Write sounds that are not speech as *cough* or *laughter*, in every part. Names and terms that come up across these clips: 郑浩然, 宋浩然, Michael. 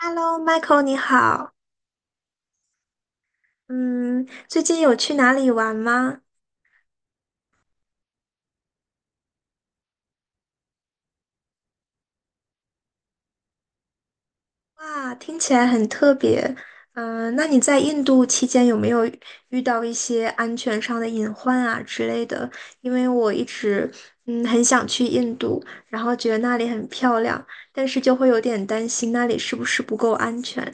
Hello，Michael，你好。嗯，最近有去哪里玩吗？哇，听起来很特别。那你在印度期间有没有遇到一些安全上的隐患啊之类的？因为我一直很想去印度，然后觉得那里很漂亮，但是就会有点担心那里是不是不够安全。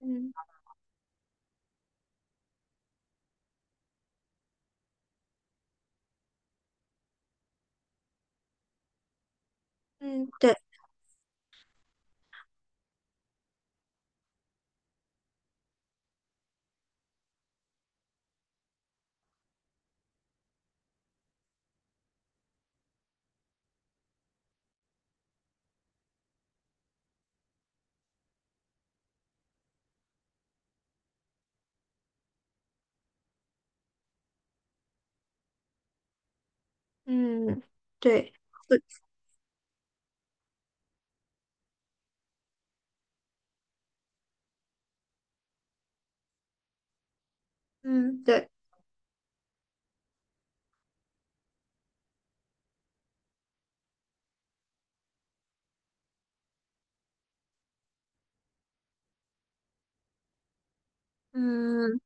嗯嗯，对，嗯对，对，嗯对，嗯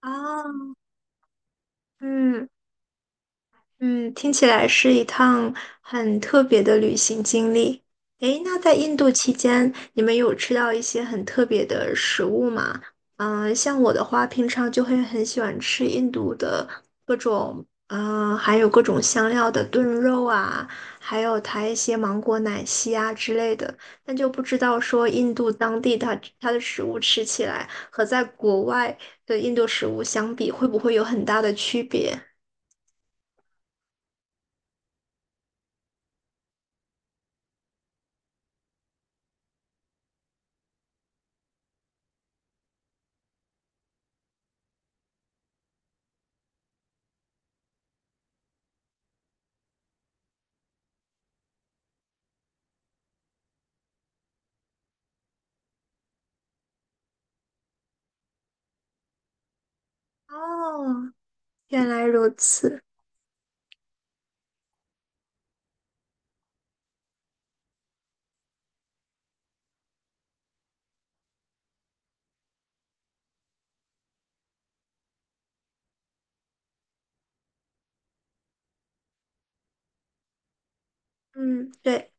啊，嗯。嗯，听起来是一趟很特别的旅行经历。诶，那在印度期间，你们有吃到一些很特别的食物吗？像我的话，平常就会很喜欢吃印度的各种，还有各种香料的炖肉啊，还有它一些芒果奶昔啊之类的。但就不知道说印度当地它的食物吃起来和在国外的印度食物相比，会不会有很大的区别？哦，原来如此，嗯，对，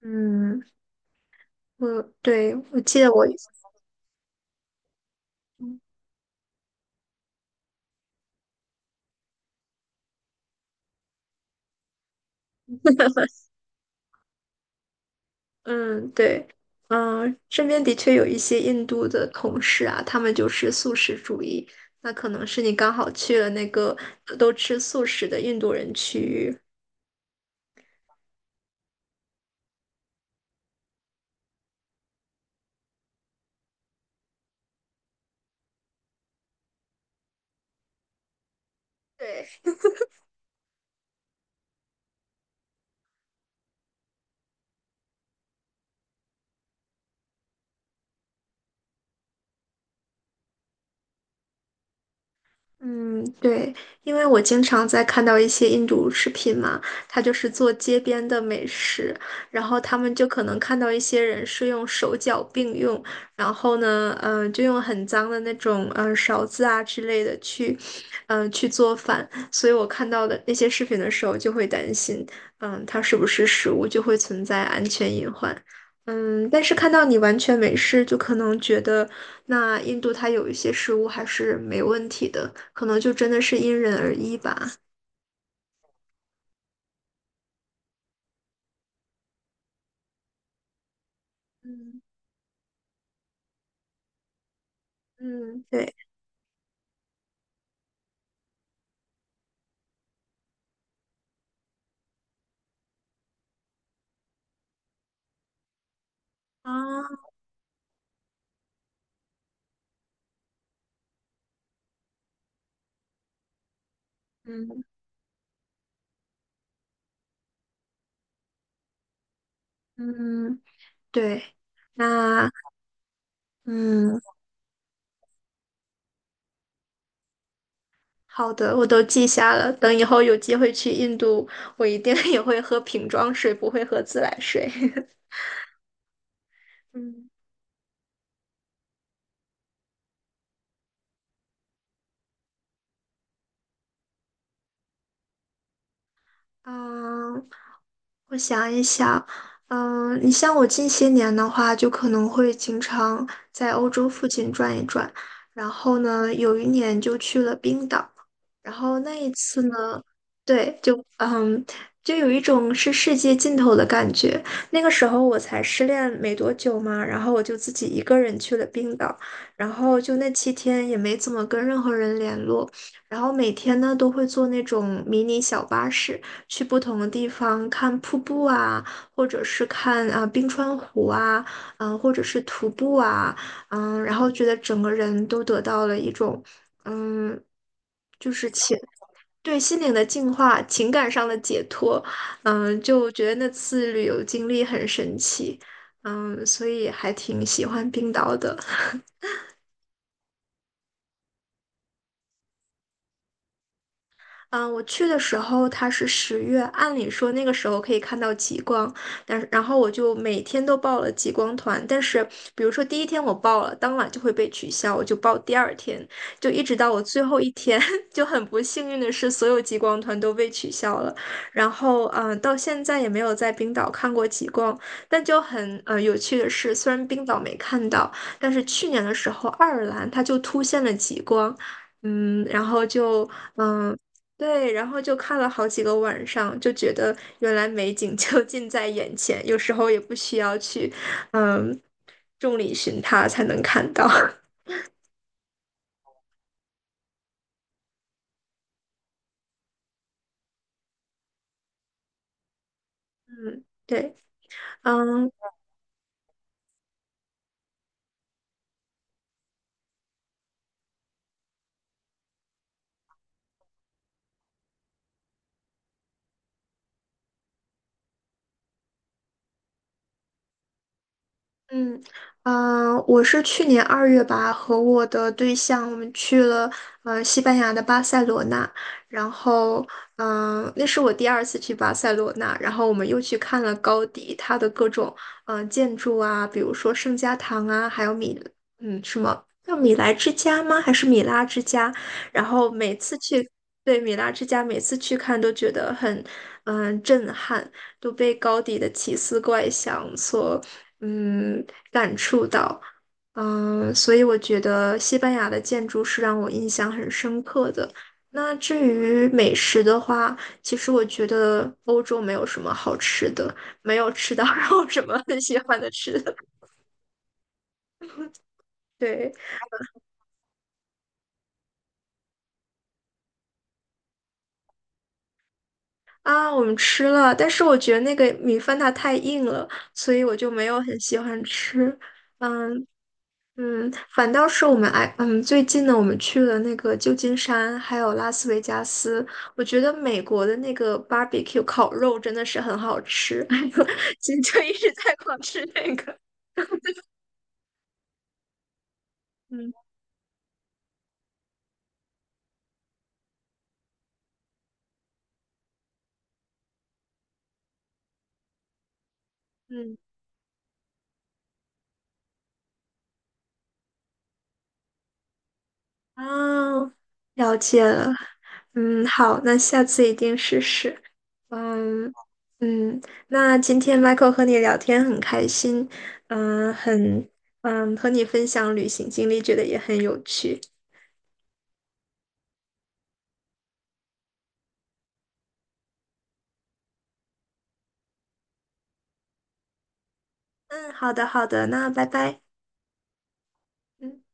嗯，我对我记得我，嗯，对，身边的确有一些印度的同事啊，他们就是素食主义，那可能是你刚好去了那个都吃素食的印度人区域。对。嗯，对，因为我经常在看到一些印度视频嘛，他就是做街边的美食，然后他们就可能看到一些人是用手脚并用，然后呢，就用很脏的那种勺子啊之类的去，去做饭，所以我看到的那些视频的时候就会担心，它是不是食物就会存在安全隐患。但是看到你完全没事，就可能觉得，那印度它有一些食物还是没问题的，可能就真的是因人而异吧。嗯嗯对，啊嗯嗯对，那嗯，好的，我都记下了。等以后有机会去印度，我一定 *laughs* 也会喝瓶装水，不会喝自来水。*laughs* 嗯，啊我想一想，你像我近些年的话，就可能会经常在欧洲附近转一转，然后呢，有一年就去了冰岛，然后那一次呢，对，就有一种是世界尽头的感觉。那个时候我才失恋没多久嘛，然后我就自己一个人去了冰岛，然后就那7天也没怎么跟任何人联络，然后每天呢都会坐那种迷你小巴士去不同的地方看瀑布啊，或者是看啊、冰川湖啊，或者是徒步啊，然后觉得整个人都得到了一种。嗯，就是情，对心灵的净化、情感上的解脱，就觉得那次旅游经历很神奇，所以还挺喜欢冰岛的。嗯，我去的时候它是10月，按理说那个时候可以看到极光，但是然后我就每天都报了极光团，但是比如说第一天我报了，当晚就会被取消，我就报第二天，就一直到我最后一天，*laughs* 就很不幸运的是所有极光团都被取消了，然后到现在也没有在冰岛看过极光，但就很有趣的是，虽然冰岛没看到，但是去年的时候爱尔兰它就突现了极光。然后就嗯，对，然后就看了好几个晚上，就觉得原来美景就 *laughs* 近在眼前，有时候也不需要去，嗯，众里寻他才能看到。*laughs* 嗯，对，嗯，嗯嗯，我是去年2月吧，和我的对象我们去了西班牙的巴塞罗那，然后那是我第二次去巴塞罗那，然后我们又去看了高迪他的各种建筑啊，比如说圣家堂啊，还有什么叫米莱之家吗？还是米拉之家？然后每次去对米拉之家，每次去看都觉得很震撼。都被高迪的奇思怪想所嗯感触到，所以我觉得西班牙的建筑是让我印象很深刻的。那至于美食的话，其实我觉得欧洲没有什么好吃的，没有吃到 *laughs* 让我什么很喜欢的吃的。对啊，我们吃了，但是我觉得那个米饭它太硬了，所以我就没有很喜欢吃。嗯，反倒是我们哎，最近呢，我们去了那个旧金山，还有拉斯维加斯。我觉得美国的那个 barbecue 烤肉真的是很好吃，*laughs* 今就一直在狂吃那个。嗯嗯，哦，了解了。好，那下次一定试试。嗯嗯，那今天 Michael 和你聊天很开心，嗯，很和你分享旅行经历，觉得也很有趣。嗯，好的，好的，那拜拜。嗯。